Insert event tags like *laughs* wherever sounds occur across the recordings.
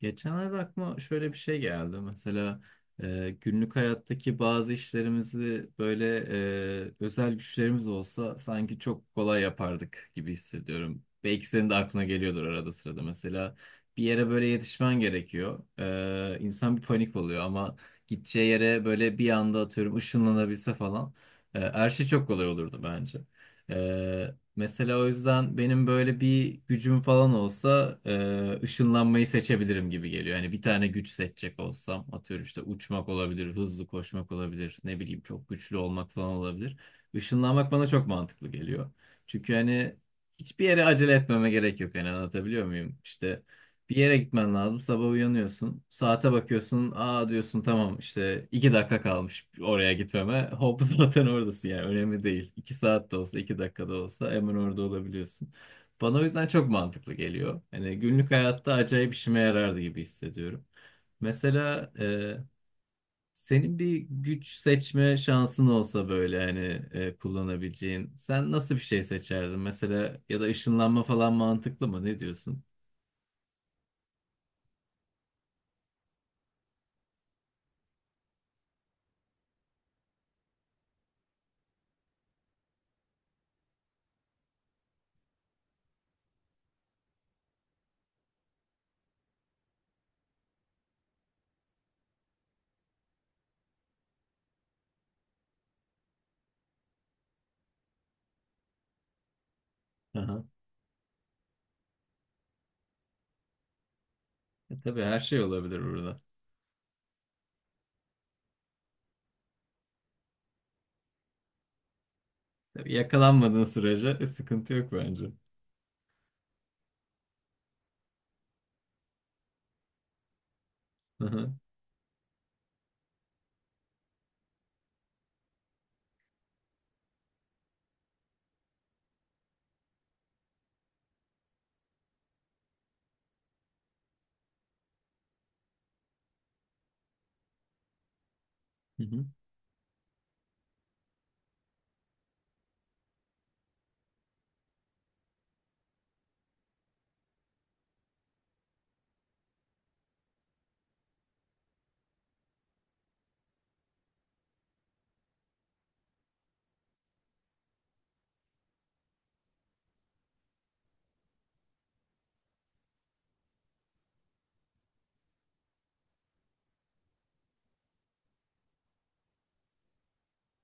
Geçenlerde aklıma şöyle bir şey geldi. Mesela günlük hayattaki bazı işlerimizi böyle özel güçlerimiz olsa sanki çok kolay yapardık gibi hissediyorum. Belki senin de aklına geliyordur arada sırada. Mesela bir yere böyle yetişmen gerekiyor. İnsan bir panik oluyor ama gideceği yere böyle bir anda atıyorum ışınlanabilse falan. Her şey çok kolay olurdu bence. E, Mesela o yüzden benim böyle bir gücüm falan olsa ışınlanmayı seçebilirim gibi geliyor. Hani bir tane güç seçecek olsam atıyorum işte uçmak olabilir, hızlı koşmak olabilir, ne bileyim çok güçlü olmak falan olabilir. Işınlanmak bana çok mantıklı geliyor. Çünkü hani hiçbir yere acele etmeme gerek yok. Hani anlatabiliyor muyum? İşte bir yere gitmen lazım. Sabah uyanıyorsun. Saate bakıyorsun. Aa diyorsun tamam işte 2 dakika kalmış oraya gitmeme. Hop *laughs* zaten oradasın yani önemli değil. 2 saat de olsa 2 dakika da olsa hemen orada olabiliyorsun. Bana o yüzden çok mantıklı geliyor. Hani günlük hayatta acayip işime yarardı gibi hissediyorum. Mesela senin bir güç seçme şansın olsa böyle hani kullanabileceğin. Sen nasıl bir şey seçerdin? Mesela ya da ışınlanma falan mantıklı mı? Ne diyorsun? Tabii her şey olabilir burada. Tabii yakalanmadığın sürece sıkıntı yok bence. Hı hı. Hı hı.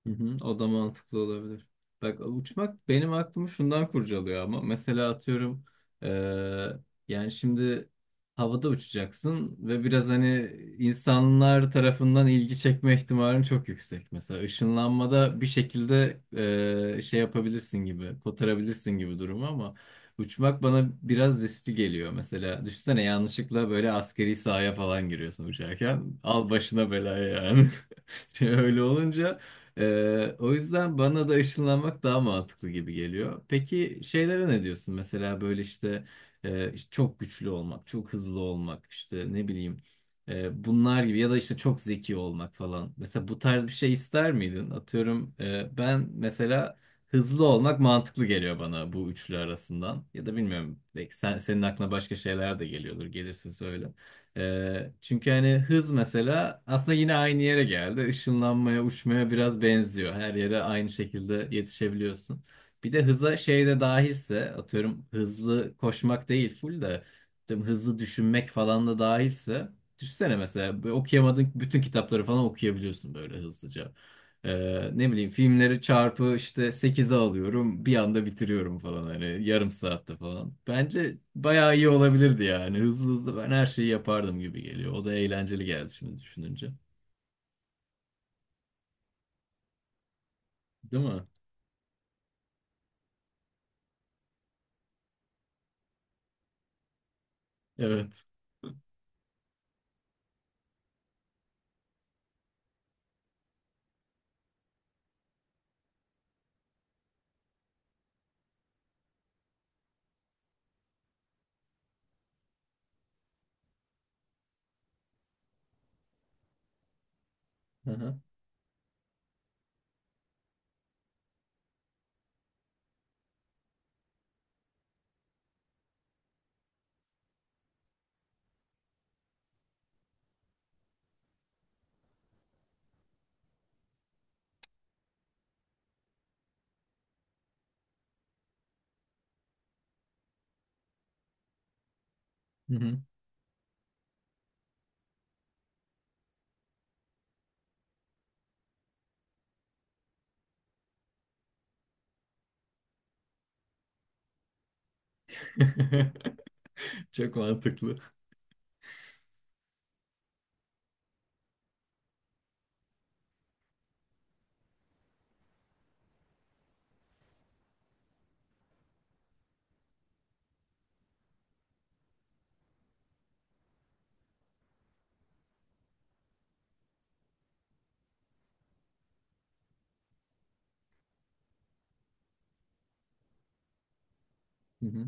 Hı hı, o da mantıklı olabilir. Bak uçmak benim aklımı şundan kurcalıyor ama mesela atıyorum eee, yani şimdi havada uçacaksın ve biraz hani insanlar tarafından ilgi çekme ihtimalin çok yüksek. Mesela ışınlanmada bir şekilde şey yapabilirsin gibi, kotarabilirsin gibi durumu ama uçmak bana biraz riskli geliyor. Mesela düşünsene yanlışlıkla böyle askeri sahaya falan giriyorsun uçarken al başına belaya yani. *laughs* *laughs* Öyle olunca o yüzden bana da ışınlanmak daha mantıklı gibi geliyor. Peki şeylere ne diyorsun? Mesela böyle işte işte çok güçlü olmak, çok hızlı olmak, işte ne bileyim bunlar gibi ya da işte çok zeki olmak falan. Mesela bu tarz bir şey ister miydin? Atıyorum ben mesela hızlı olmak mantıklı geliyor bana bu üçlü arasından. Ya da bilmiyorum belki sen, senin aklına başka şeyler de geliyordur. Gelirsin söyle. Çünkü hani hız mesela aslında yine aynı yere geldi. Işınlanmaya, uçmaya biraz benziyor. Her yere aynı şekilde yetişebiliyorsun. Bir de hıza şey de dahilse, atıyorum hızlı koşmak değil full de atıyorum hızlı düşünmek falan da dahilse. Düşünsene mesela böyle okuyamadığın bütün kitapları falan okuyabiliyorsun böyle hızlıca. Ne bileyim filmleri çarpı işte sekize alıyorum bir anda bitiriyorum falan hani yarım saatte falan. Bence bayağı iyi olabilirdi yani hızlı hızlı ben her şeyi yapardım gibi geliyor. O da eğlenceli geldi şimdi düşününce. Değil mi? Evet. Aha. Hı hı. *laughs* Çok mantıklı. Hı hı.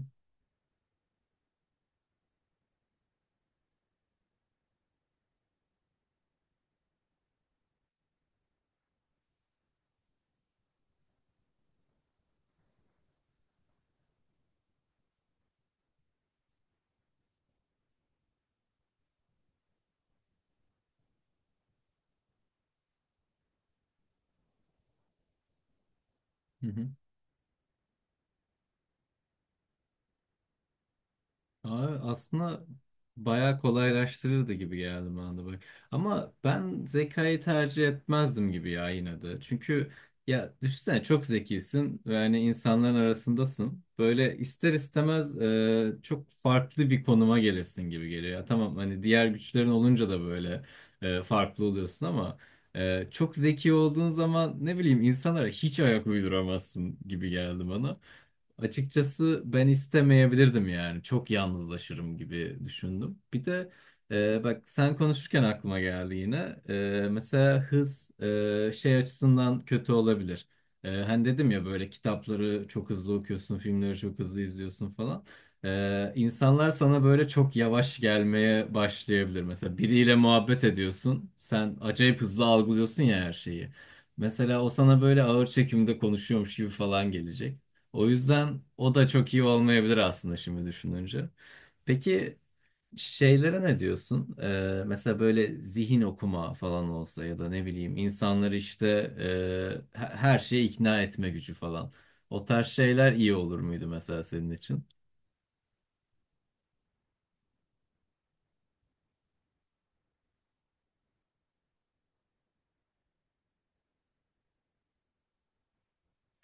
Hı hı. Abi aslında bayağı kolaylaştırırdı gibi geldi bana da bak. Ama ben zekayı tercih etmezdim gibi ya yine de. Çünkü ya düşünsene çok zekisin ve hani insanların arasındasın. Böyle ister istemez çok farklı bir konuma gelirsin gibi geliyor. Ya tamam hani diğer güçlerin olunca da böyle farklı oluyorsun ama çok zeki olduğun zaman ne bileyim insanlara hiç ayak uyduramazsın gibi geldi bana. Açıkçası ben istemeyebilirdim yani. Çok yalnızlaşırım gibi düşündüm. Bir de bak sen konuşurken aklıma geldi yine. Mesela hız şey açısından kötü olabilir. Hani dedim ya böyle kitapları çok hızlı okuyorsun, filmleri çok hızlı izliyorsun falan. İnsanlar sana böyle çok yavaş gelmeye başlayabilir. Mesela biriyle muhabbet ediyorsun. Sen acayip hızlı algılıyorsun ya her şeyi. Mesela o sana böyle ağır çekimde konuşuyormuş gibi falan gelecek. O yüzden o da çok iyi olmayabilir aslında şimdi düşününce. Peki şeylere ne diyorsun? Mesela böyle zihin okuma falan olsa ya da ne bileyim insanları işte her şeye ikna etme gücü falan. O tarz şeyler iyi olur muydu mesela senin için?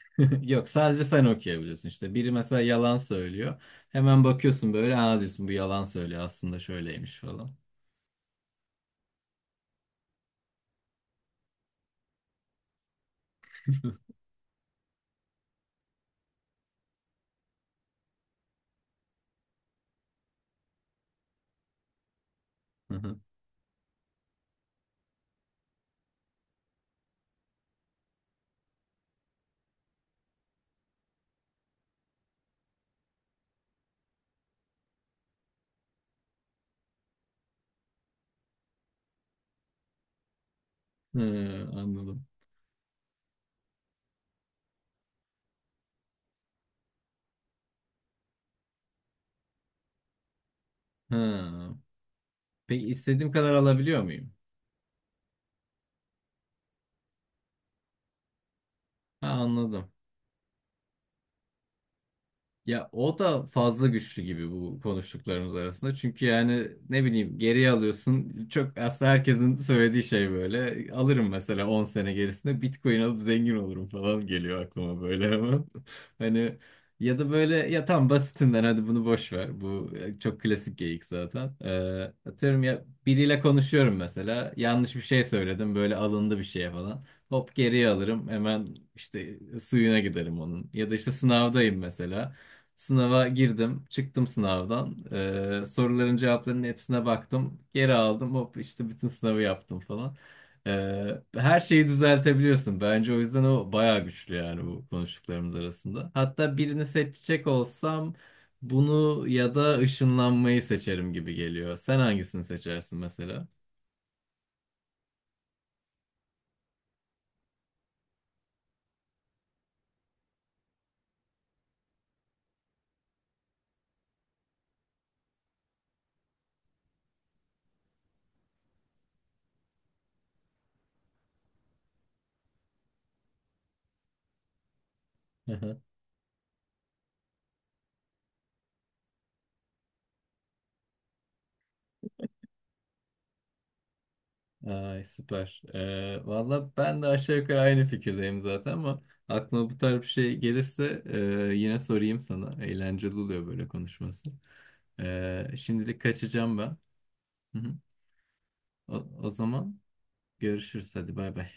*laughs* Yok sadece sen okuyabiliyorsun işte. Biri mesela yalan söylüyor. Hemen bakıyorsun böyle aa diyorsun bu yalan söylüyor aslında şöyleymiş falan. Hı hı. Hı, anladım. Hı. Peki istediğim kadar alabiliyor muyum? Ha, anladım. Ya o da fazla güçlü gibi bu konuştuklarımız arasında. Çünkü yani ne bileyim geriye alıyorsun. Çok aslında herkesin söylediği şey böyle. Alırım mesela 10 sene gerisinde Bitcoin alıp zengin olurum falan geliyor aklıma böyle ama. *laughs* Hani ya da böyle ya tam basitinden hadi bunu boş ver. Bu çok klasik geyik zaten. Atıyorum ya biriyle konuşuyorum mesela. Yanlış bir şey söyledim böyle alındı bir şeye falan. Hop geriye alırım hemen işte suyuna giderim onun. Ya da işte sınavdayım mesela. Sınava girdim, çıktım sınavdan. Soruların cevaplarının hepsine baktım. Geri aldım, hop işte bütün sınavı yaptım falan. Her şeyi düzeltebiliyorsun. Bence o yüzden o bayağı güçlü yani bu konuştuklarımız arasında. Hatta birini seçecek olsam bunu ya da ışınlanmayı seçerim gibi geliyor. Sen hangisini seçersin mesela? *laughs* Ay süper. Valla ben de aşağı yukarı aynı fikirdeyim zaten ama aklıma bu tarz bir şey gelirse yine sorayım sana. Eğlenceli oluyor böyle konuşması. Şimdilik kaçacağım ben. Hı hı. O, o zaman görüşürüz. Hadi bay bay.